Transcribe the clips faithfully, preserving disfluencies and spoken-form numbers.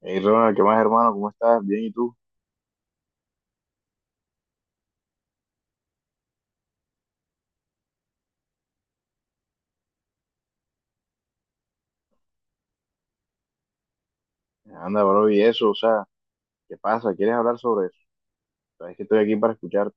Hey Ronald, ¿qué más hermano? ¿Cómo estás? Bien, ¿y tú? Anda, bro, y eso, o sea, ¿qué pasa? ¿Quieres hablar sobre eso? Sabes que estoy aquí para escucharte.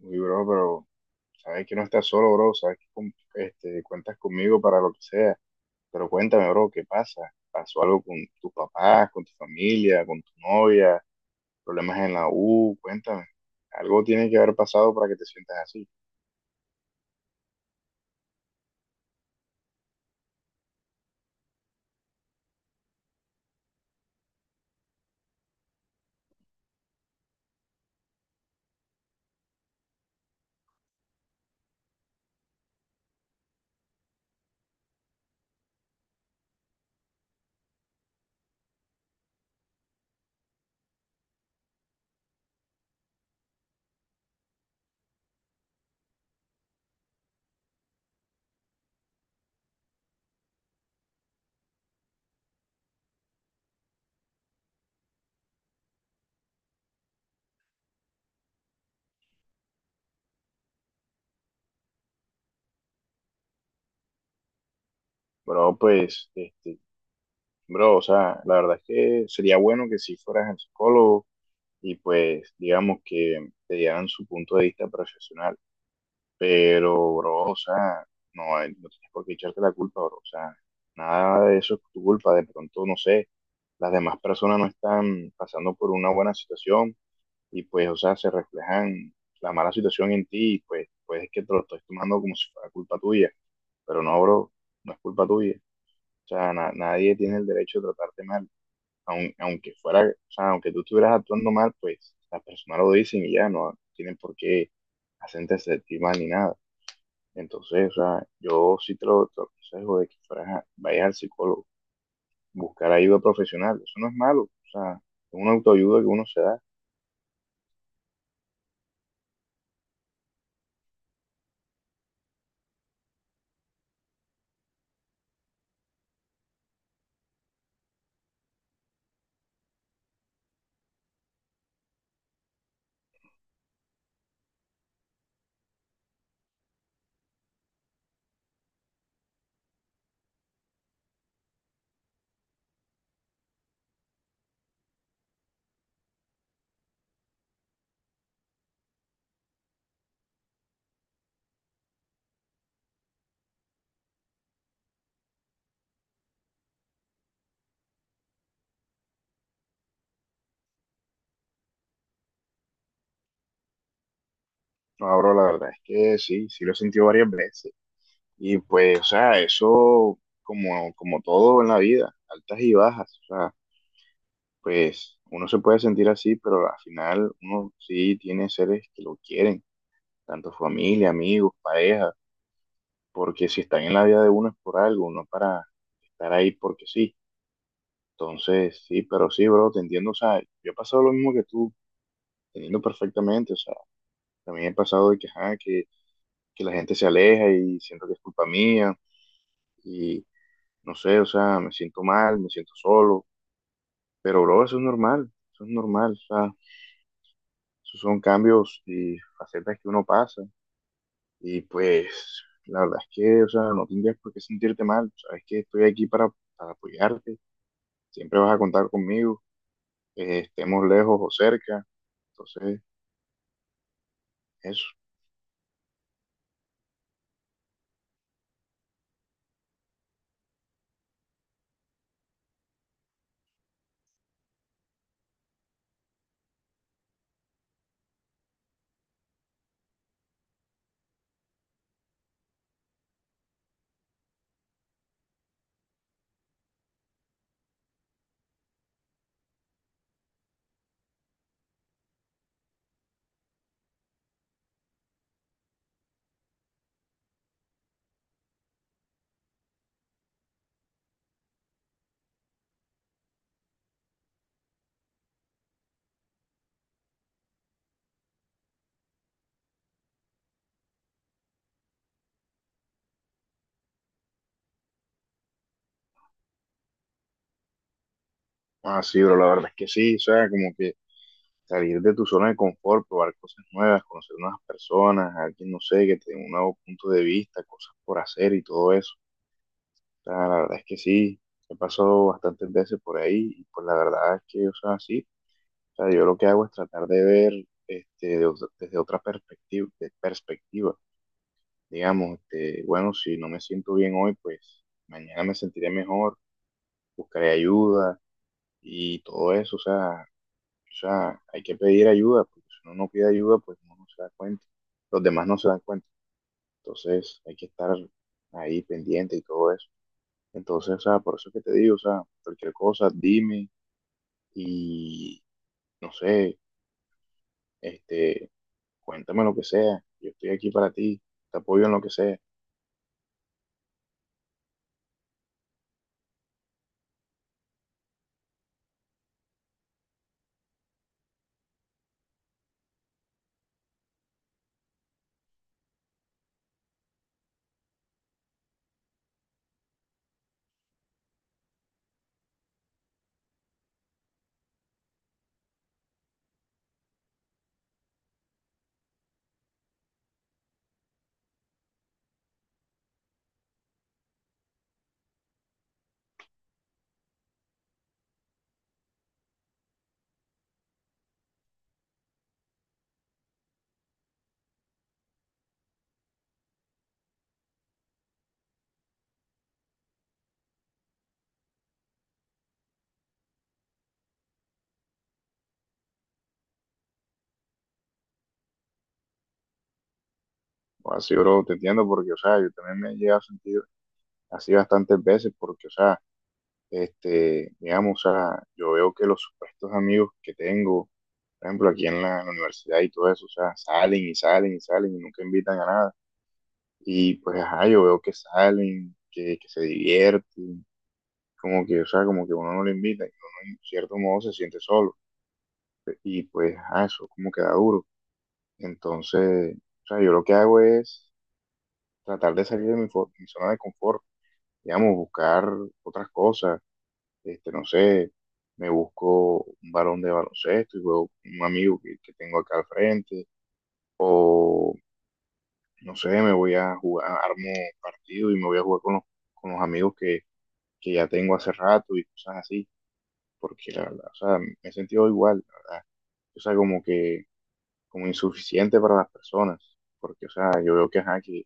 Uy, bro, pero sabes que no estás solo, bro, sabes que con- este, cuentas conmigo para lo que sea. Pero cuéntame, bro, ¿qué pasa? ¿Pasó algo con tus papás, con tu familia, con tu novia? ¿Problemas en la U? Cuéntame. Algo tiene que haber pasado para que te sientas así. Bro, pues, este, bro, o sea, la verdad es que sería bueno que si fueras el psicólogo y pues digamos que te dieran su punto de vista profesional. Pero, bro, o sea, no, hay no tienes por qué echarte la culpa, bro. O sea, nada de eso es tu culpa. De pronto, no sé, las demás personas no están pasando por una buena situación y pues, o sea, se reflejan la mala situación en ti y pues, pues es que te lo estés tomando como si fuera culpa tuya. Pero no, bro, no es culpa tuya. O sea, na- nadie tiene el derecho de tratarte mal aun- aunque fuera, o sea, aunque tú estuvieras actuando mal, pues las personas lo dicen y ya no tienen por qué hacerte sentir mal ni nada. Entonces, o sea, yo sí te lo, te lo aconsejo de que fueras a- vayas al psicólogo, buscar ayuda profesional, eso no es malo, o sea, es una autoayuda que uno se da. No, abro la verdad es que sí, sí lo he sentido varias veces. Y pues, o sea, eso como, como todo en la vida, altas y bajas, o sea, pues uno se puede sentir así, pero al final uno sí tiene seres que lo quieren, tanto familia, amigos, pareja, porque si están en la vida de uno es por algo, no para estar ahí porque sí. Entonces, sí, pero sí, bro, te entiendo, o sea, yo he pasado lo mismo que tú, teniendo perfectamente, o sea, también he pasado de que, ajá, que, que la gente se aleja y siento que es culpa mía y no sé, o sea, me siento mal, me siento solo, pero bro, eso es normal, eso es normal, o sea, esos son cambios y facetas que uno pasa. Y pues, la verdad es que, o sea, no tendrías por qué sentirte mal. Sabes que estoy aquí para, para apoyarte. Siempre vas a contar conmigo, eh, estemos lejos o cerca. Entonces, eso. Ah, sí, pero la verdad es que sí, o sea, como que salir de tu zona de confort, probar cosas nuevas, conocer nuevas personas, alguien, no sé, que te dé un nuevo punto de vista, cosas por hacer y todo eso. O sea, la verdad es que sí, he pasado bastantes veces por ahí y pues la verdad es que, o sea, sí, o sea, yo lo que hago es tratar de ver este, de otra- desde otra perspectiva, de perspectiva. Digamos, este, bueno, si no me siento bien hoy, pues mañana me sentiré mejor, buscaré ayuda y todo eso. O sea, o sea, hay que pedir ayuda, porque si uno no pide ayuda, pues uno no se da cuenta. Los demás no se dan cuenta. Entonces, hay que estar ahí pendiente y todo eso. Entonces, o sea, por eso es que te digo, o sea, cualquier cosa, dime y no sé, este, cuéntame lo que sea, yo estoy aquí para ti, te apoyo en lo que sea. O así, bro, te entiendo porque, o sea, yo también me he llegado a sentir así bastantes veces porque, o sea, este, digamos, o sea, yo veo que los supuestos amigos que tengo, por ejemplo, aquí en la, en la universidad y todo eso, o sea, salen y salen y salen y nunca invitan a nada. Y pues, ajá, yo veo que salen, que, que se divierten, como que, o sea, como que uno no le invita y uno en cierto modo se siente solo. Y pues, ajá, eso como que da duro. Entonces, o sea, yo lo que hago es tratar de salir de mi, fo- mi zona de confort, digamos, buscar otras cosas, este, no sé, me busco un balón de baloncesto y juego con un amigo que, que tengo acá al frente, o no sé, me voy a jugar, armo partido y me voy a jugar con los, con los amigos que, que ya tengo hace rato y cosas así, porque la verdad, o sea, me he sentido igual, la verdad, o sea, como que, como insuficiente para las personas, porque, o sea, yo veo que, ajá, que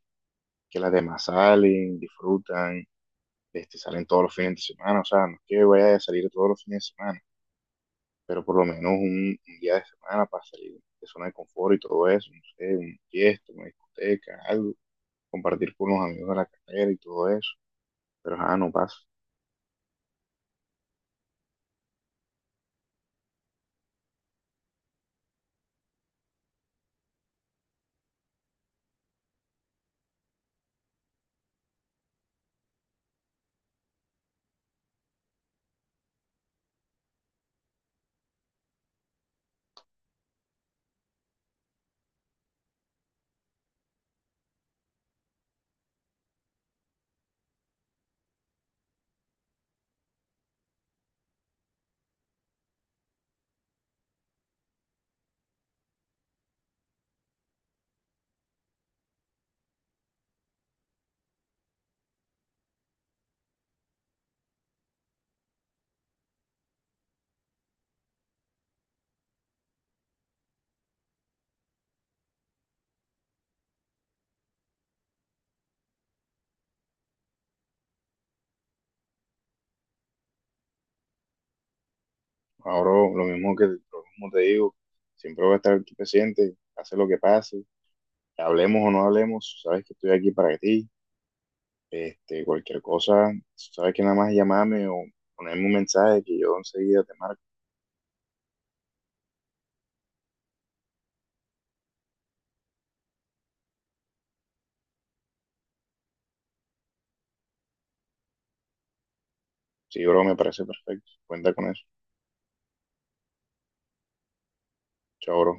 que las demás salen, disfrutan, este, salen todos los fines de semana, o sea, no es que vaya a salir todos los fines de semana, pero por lo menos un, un día de semana para salir de zona de confort y todo eso, no sé, un fiesta, una discoteca, algo, compartir con los amigos de la carrera y todo eso, pero ah, no pasa. Ahora lo mismo que lo mismo te digo, siempre voy a estar aquí presente, pase lo que pase, hablemos o no hablemos, sabes que estoy aquí para ti. Este, cualquier cosa, sabes que nada más llamarme o ponerme un mensaje que yo enseguida te marco. Sí, bro, me parece perfecto. Cuenta con eso. Chao, bro.